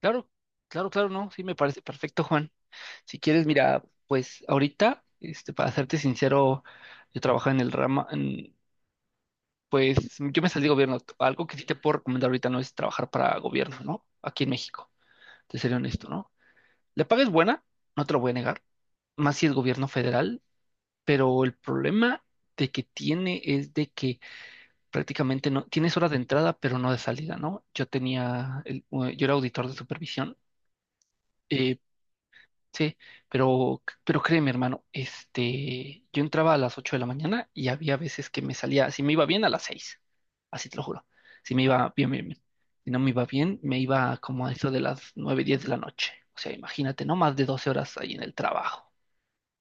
Claro, claro, claro, no, sí me parece perfecto, Juan. Si quieres, mira, pues ahorita, para serte sincero, yo trabajo en el rama, pues yo me salí de gobierno. Algo que sí te puedo recomendar ahorita no es trabajar para gobierno, ¿no? Aquí en México, te seré honesto, ¿no? La paga es buena, no te lo voy a negar, más si es gobierno federal, pero el problema de que tiene es de que prácticamente no, tienes horas de entrada, pero no de salida, ¿no? Yo era auditor de supervisión. eh, Sí, pero, créeme, hermano, yo entraba a las 8 de la mañana y había veces que me salía, si me iba bien, a las 6, así te lo juro, si me iba bien, bien, bien. Si no me iba bien, me iba como a eso de las 9:10 de la noche. O sea, imagínate, no más de 12 horas ahí en el trabajo.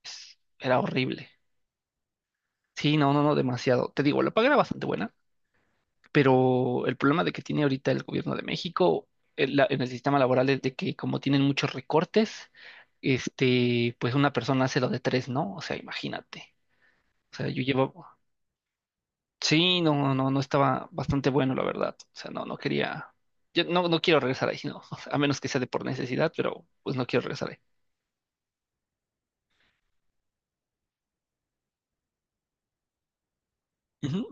Era horrible. Sí, no, no, no, demasiado. Te digo, la paga era bastante buena, pero el problema de que tiene ahorita el gobierno de México en el sistema laboral es de que como tienen muchos recortes, pues una persona hace lo de tres, ¿no? O sea, imagínate. O sea, yo llevo, sí, no, no, no estaba bastante bueno, la verdad. O sea, no, no quería, yo no, no quiero regresar ahí, no, a menos que sea de por necesidad, pero pues no quiero regresar ahí. Ujú,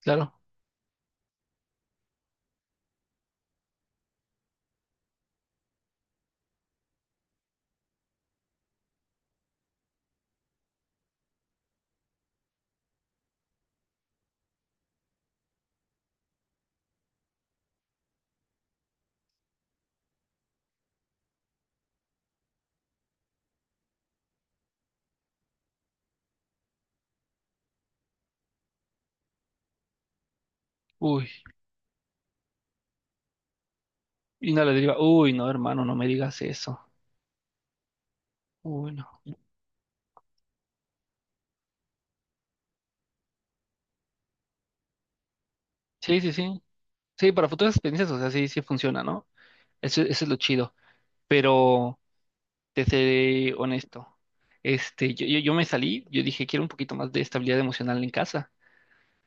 claro. Uy, y no le diría, uy, no, hermano, no me digas eso. Uy, no. Sí, sí, sí. Sí, para futuras experiencias, o sea, sí, sí funciona, ¿no? Eso es lo chido. Pero te seré honesto. Yo me salí, yo dije, quiero un poquito más de estabilidad emocional en casa,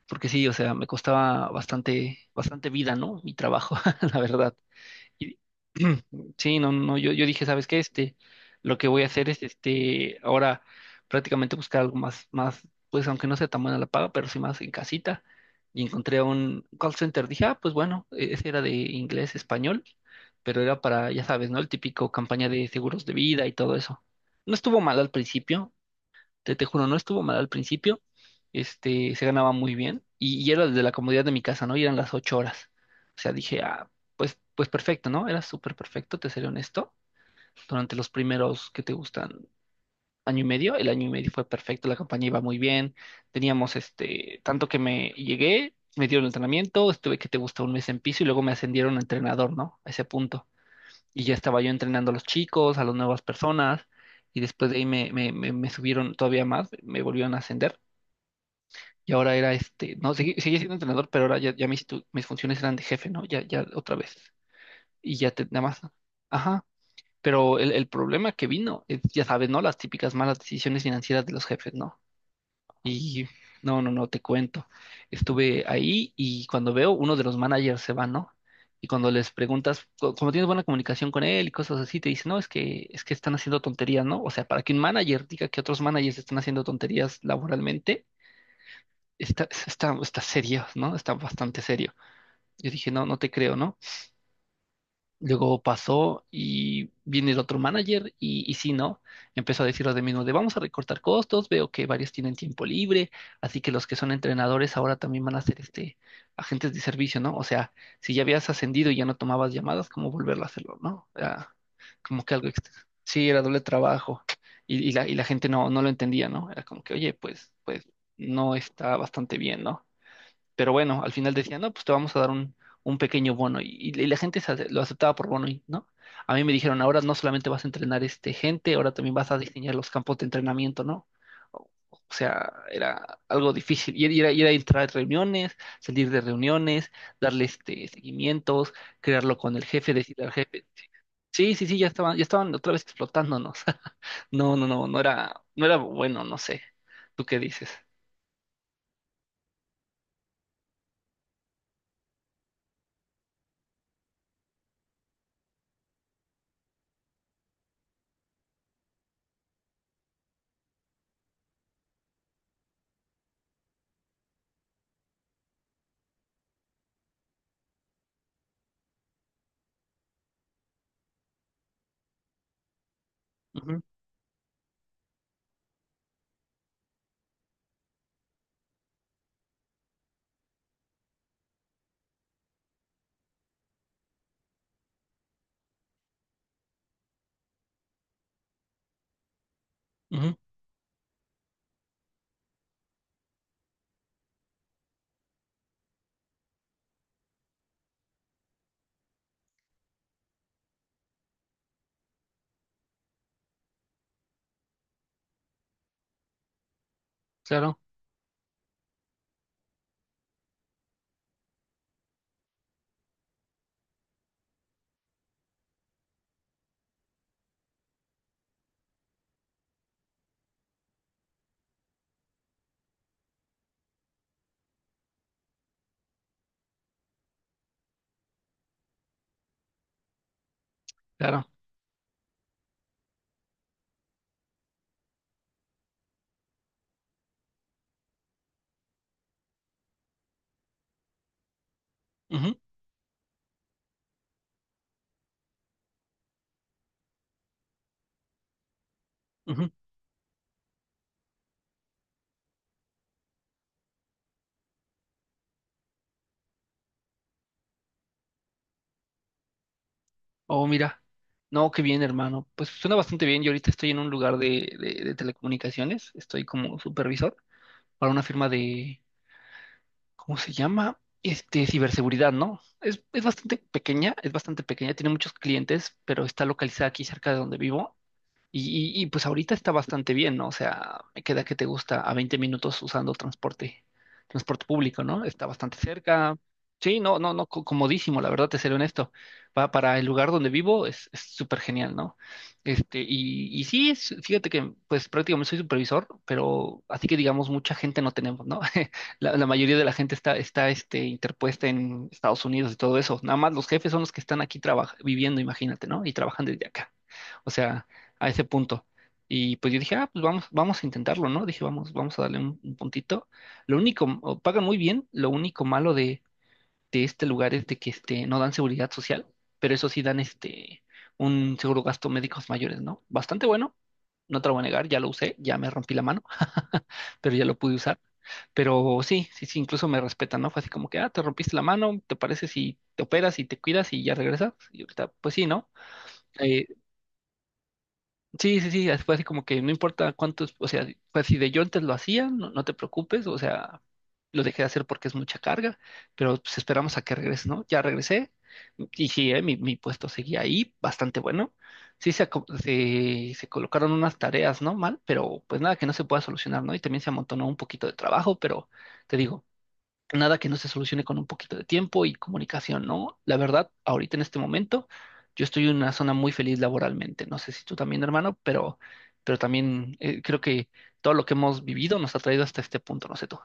porque sí, o sea, me costaba bastante, bastante vida, ¿no? Mi trabajo, la verdad. Y- Sí, no, no, yo dije, ¿sabes qué? Lo que voy a hacer es, ahora prácticamente buscar algo más, pues aunque no sea tan buena la paga, pero sí más en casita. Y encontré un call center. Dije, ah, pues bueno, ese era de inglés, español, pero era para, ya sabes, ¿no? El típico campaña de seguros de vida y todo eso. No estuvo mal al principio, te juro, no estuvo mal al principio, se ganaba muy bien y era desde la comodidad de mi casa, ¿no? Y eran las 8 horas. O sea, dije, ah, pues perfecto, ¿no? Era súper perfecto, te seré honesto. Durante los primeros que te gustan año y medio, el año y medio fue perfecto, la campaña iba muy bien, teníamos tanto que me llegué, me dieron entrenamiento, estuve que te gusta un mes en piso y luego me ascendieron a entrenador, ¿no? A ese punto y ya estaba yo entrenando a los chicos, a las nuevas personas, y después de ahí me subieron todavía más, me volvieron a ascender, y ahora era no, seguí siendo entrenador, pero ahora ya, ya mis, mis funciones eran de jefe, ¿no? Ya, ya otra vez, y ya te, nada más, ajá, pero el problema que vino es, ya sabes, ¿no? Las típicas malas decisiones financieras de los jefes, ¿no? Y no, no, no, te cuento. Estuve ahí y cuando veo, uno de los managers se va, ¿no? Y cuando les preguntas, como tienes buena comunicación con él y cosas así, te dice, no, es que están haciendo tonterías, ¿no? O sea, para que un manager diga que otros managers están haciendo tonterías laboralmente, está serio, ¿no? Está bastante serio. Yo dije, no, no te creo, ¿no? Luego pasó y viene el otro manager y sí, ¿no? Empezó a decir lo de mismo de vamos a recortar costos, veo que varios tienen tiempo libre, así que los que son entrenadores ahora también van a ser agentes de servicio, ¿no? O sea, si ya habías ascendido y ya no tomabas llamadas, ¿cómo volverlo a hacerlo, no? Era como que algo extra. Sí, era doble trabajo y la gente no, no lo entendía, ¿no? Era como que, oye, pues no está bastante bien, ¿no? Pero bueno, al final decían, no, pues te vamos a dar un pequeño bono. Y la gente lo aceptaba por bono, ¿no? A mí me dijeron, ahora no solamente vas a entrenar gente, ahora también vas a diseñar los campos de entrenamiento, ¿no? O sea, era algo difícil. Y era entrar a reuniones, salir de reuniones, darle seguimientos, crearlo con el jefe, decirle al jefe. Sí, sí, sí, ya estaban otra vez explotándonos. No, no, no, no era bueno, no sé. ¿Tú qué dices? Ujú, ujú, claro, claro. Ujú. Ujú. Oh, mira. No, qué bien, hermano. Pues suena bastante bien. Yo ahorita estoy en un lugar de telecomunicaciones. Estoy como supervisor para una firma de, ¿cómo se llama? Ciberseguridad, ¿no? Es bastante pequeña, es bastante pequeña. Tiene muchos clientes, pero está localizada aquí cerca de donde vivo. Y pues ahorita está bastante bien, ¿no? O sea, me queda que te gusta a 20 minutos usando transporte público, ¿no? Está bastante cerca. Sí, no, no, no, comodísimo, la verdad, te seré honesto. Para el lugar donde vivo es súper genial, ¿no? Y sí, fíjate que pues prácticamente soy supervisor, pero así que digamos mucha gente no tenemos, ¿no? La mayoría de la gente está interpuesta en Estados Unidos y todo eso. Nada más los jefes son los que están aquí viviendo, imagínate, ¿no? Y trabajan desde acá. O sea, a ese punto. Y pues yo dije, ah, pues vamos, vamos a intentarlo, ¿no? Dije, vamos, vamos a darle un puntito. Lo único, o pagan muy bien, lo único malo de este lugar es de que no dan seguridad social, pero eso sí dan un seguro gasto médicos mayores, ¿no? Bastante bueno, no te lo voy a negar, ya lo usé, ya me rompí la mano, pero ya lo pude usar. Pero sí, sí, sí, incluso me respetan, ¿no? Fue así como que, ah, te rompiste la mano, ¿te parece si te operas y te cuidas y ya regresas? Y ahorita, pues sí, ¿no? Eh, Sí, sí, sí, así fue así como que no importa cuántos, o sea, pues si de yo antes lo hacía, no, no te preocupes, o sea, lo dejé de hacer porque es mucha carga, pero pues esperamos a que regrese, ¿no? Ya regresé y sí, mi puesto seguía ahí, bastante bueno. Sí, se colocaron unas tareas, ¿no? Mal, pero pues nada que no se pueda solucionar, ¿no? Y también se amontonó un poquito de trabajo, pero te digo, nada que no se solucione con un poquito de tiempo y comunicación, ¿no? La verdad, ahorita en este momento, yo estoy en una zona muy feliz laboralmente. No sé si tú también, hermano, pero, también creo que todo lo que hemos vivido nos ha traído hasta este punto, no sé tú.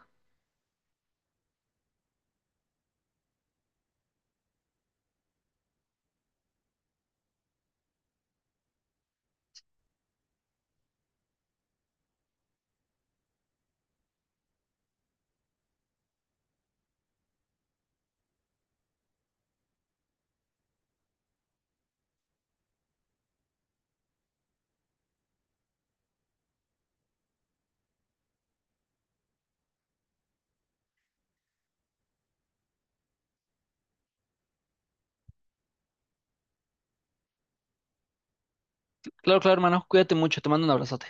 Claro, claro, hermano, cuídate mucho, te mando un abrazote.